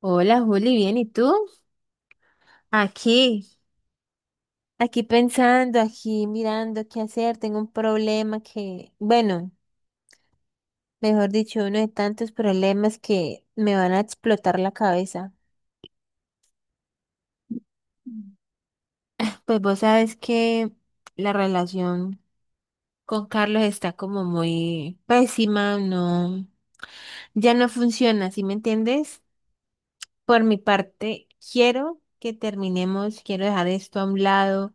Hola Juli, bien, ¿y tú? Aquí, aquí pensando, aquí mirando qué hacer, tengo un problema que, bueno, mejor dicho, uno de tantos problemas que me van a explotar la cabeza. Mm. Pues vos sabes que la relación con Carlos está como muy pésima, no, ya no funciona, ¿sí me entiendes? Por mi parte, quiero que terminemos, quiero dejar esto a un lado.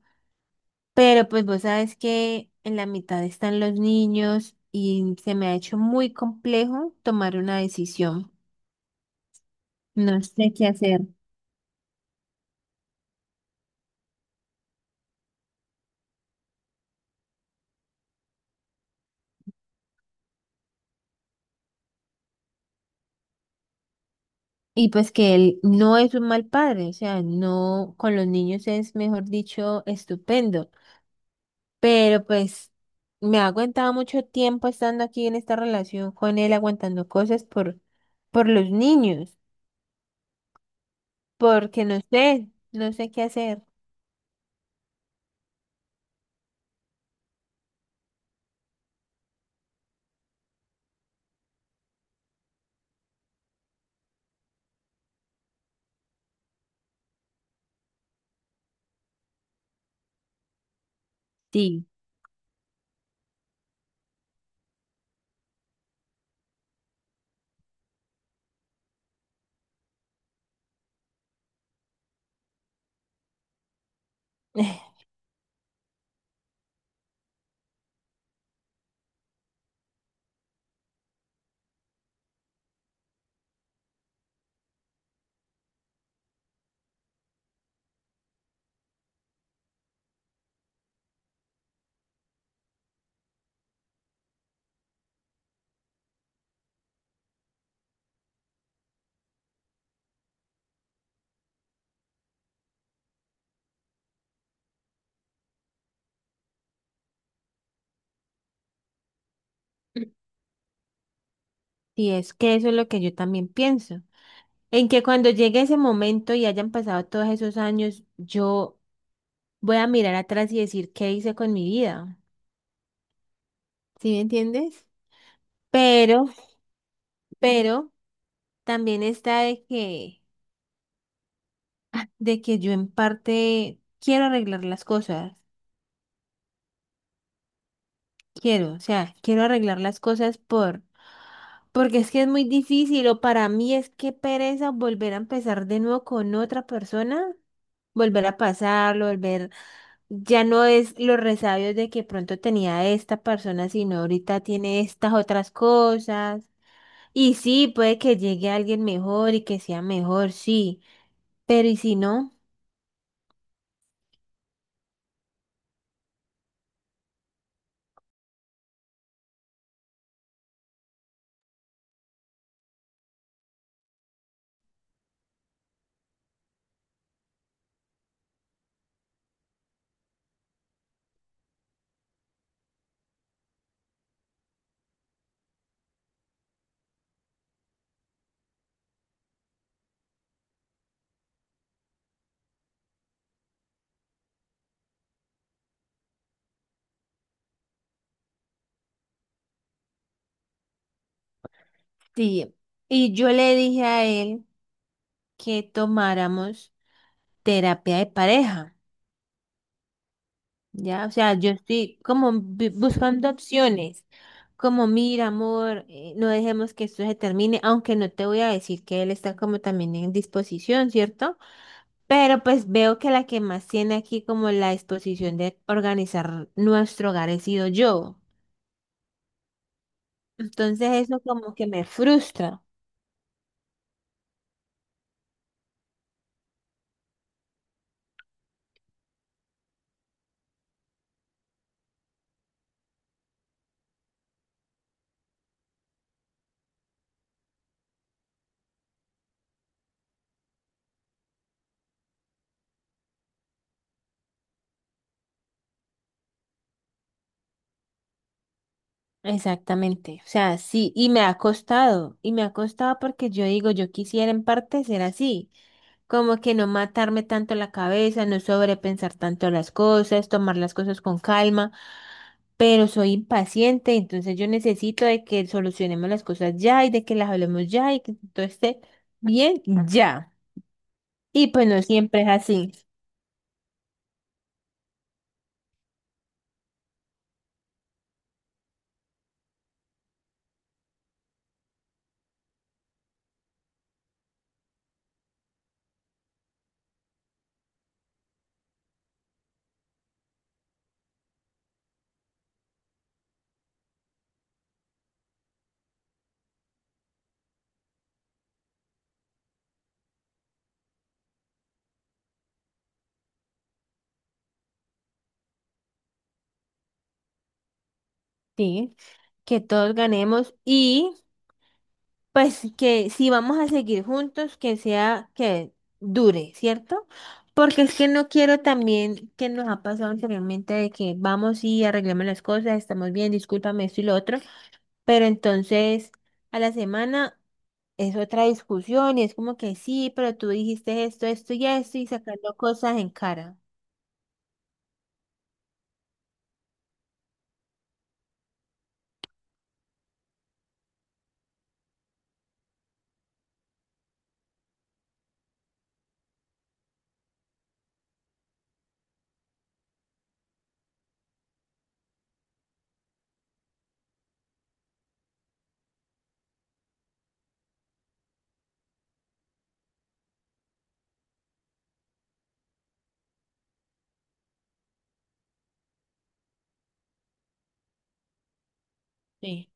Pero pues vos sabes que en la mitad están los niños y se me ha hecho muy complejo tomar una decisión. No sé qué hacer. Y pues que él no es un mal padre, o sea, no, con los niños es, mejor dicho, estupendo. Pero pues me ha aguantado mucho tiempo estando aquí en esta relación con él, aguantando cosas por los niños, porque no sé, no sé qué hacer. Sí, sí, es que eso es lo que yo también pienso. En que cuando llegue ese momento y hayan pasado todos esos años, yo voy a mirar atrás y decir qué hice con mi vida. ¿Sí me entiendes? Pero, pero también está de de que yo en parte quiero arreglar las cosas. Quiero, o sea, quiero arreglar las cosas porque es que es muy difícil o para mí es que pereza volver a empezar de nuevo con otra persona, volver a pasarlo, volver. Ya no es los resabios de que pronto tenía esta persona, sino ahorita tiene estas otras cosas. Y sí, puede que llegue alguien mejor y que sea mejor, sí. Pero ¿y si no? Sí. Y yo le dije a él que tomáramos terapia de pareja. Ya, o sea, yo estoy como buscando opciones, como mira, amor, no dejemos que esto se termine, aunque no te voy a decir que él está como también en disposición, ¿cierto? Pero pues veo que la que más tiene aquí como la disposición de organizar nuestro hogar he sido yo. Entonces eso como que me frustra. Exactamente. O sea, sí, y me ha costado, y me ha costado porque yo digo, yo quisiera en parte ser así. Como que no matarme tanto la cabeza, no sobrepensar tanto las cosas, tomar las cosas con calma, pero soy impaciente, entonces yo necesito de que solucionemos las cosas ya y de que las hablemos ya y que todo esté bien ya. Y pues no siempre es así, ¿sí? Que todos ganemos y pues que si vamos a seguir juntos, que sea que dure, ¿cierto? Porque es que no quiero también que nos ha pasado anteriormente de que vamos y arreglamos las cosas, estamos bien, discúlpame esto y lo otro, pero entonces a la semana es otra discusión y es como que sí, pero tú dijiste esto, esto y esto y sacando cosas en cara. Sí.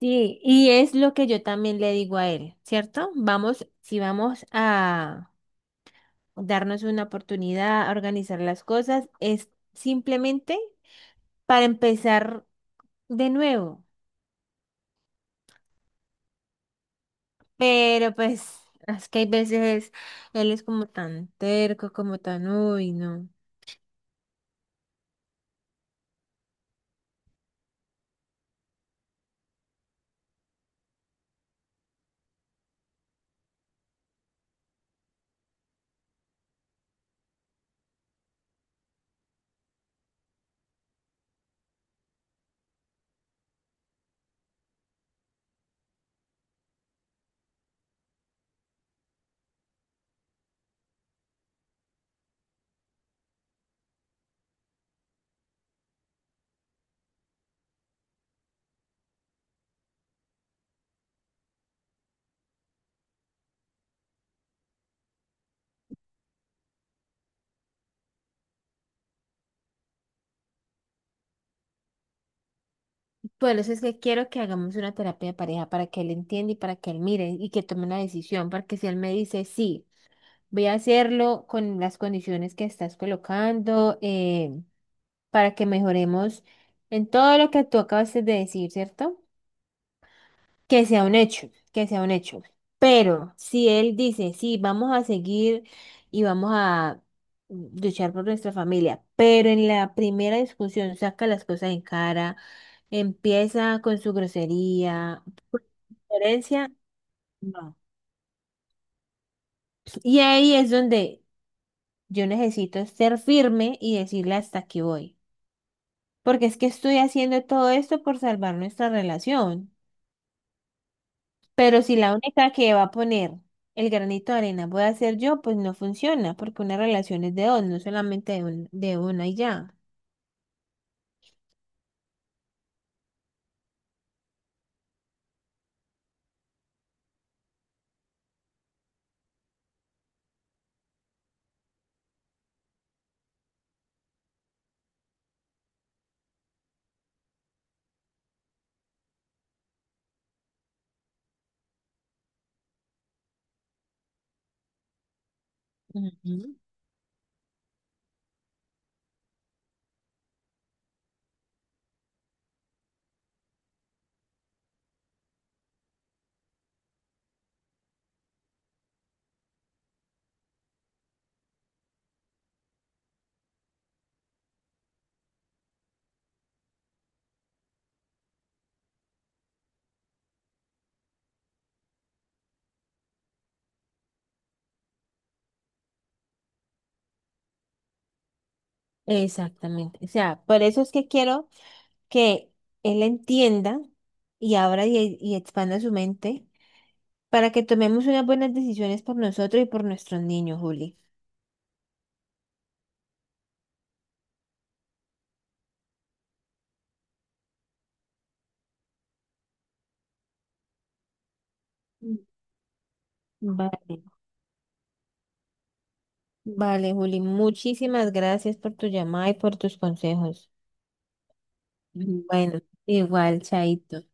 Sí, y es lo que yo también le digo a él, ¿cierto? Vamos, si vamos a darnos una oportunidad, organizar las cosas, es simplemente para empezar de nuevo. Pero pues es que hay veces él es como tan terco, como tan, uy, no. Por eso es que quiero que hagamos una terapia de pareja para que él entienda y para que él mire y que tome una decisión, porque si él me dice, sí, voy a hacerlo con las condiciones que estás colocando, para que mejoremos en todo lo que tú acabas de decir, ¿cierto? Que sea un hecho, que sea un hecho. Pero si él dice, sí, vamos a seguir y vamos a luchar por nuestra familia, pero en la primera discusión saca las cosas en cara, empieza con su grosería, violencia, no. Y ahí es donde yo necesito ser firme y decirle hasta aquí voy. Porque es que estoy haciendo todo esto por salvar nuestra relación. Pero si la única que va a poner el granito de arena voy a ser yo, pues no funciona, porque una relación es de dos, no solamente de, de una y ya. Ujú. Exactamente. O sea, por eso es que quiero que él entienda y abra y expanda su mente para que tomemos unas buenas decisiones por nosotros y por nuestros niños, Juli. Mm. Vale, vale, Juli. Muchísimas gracias por tu llamada y por tus consejos. Ujú. Bueno, igual, Chaito.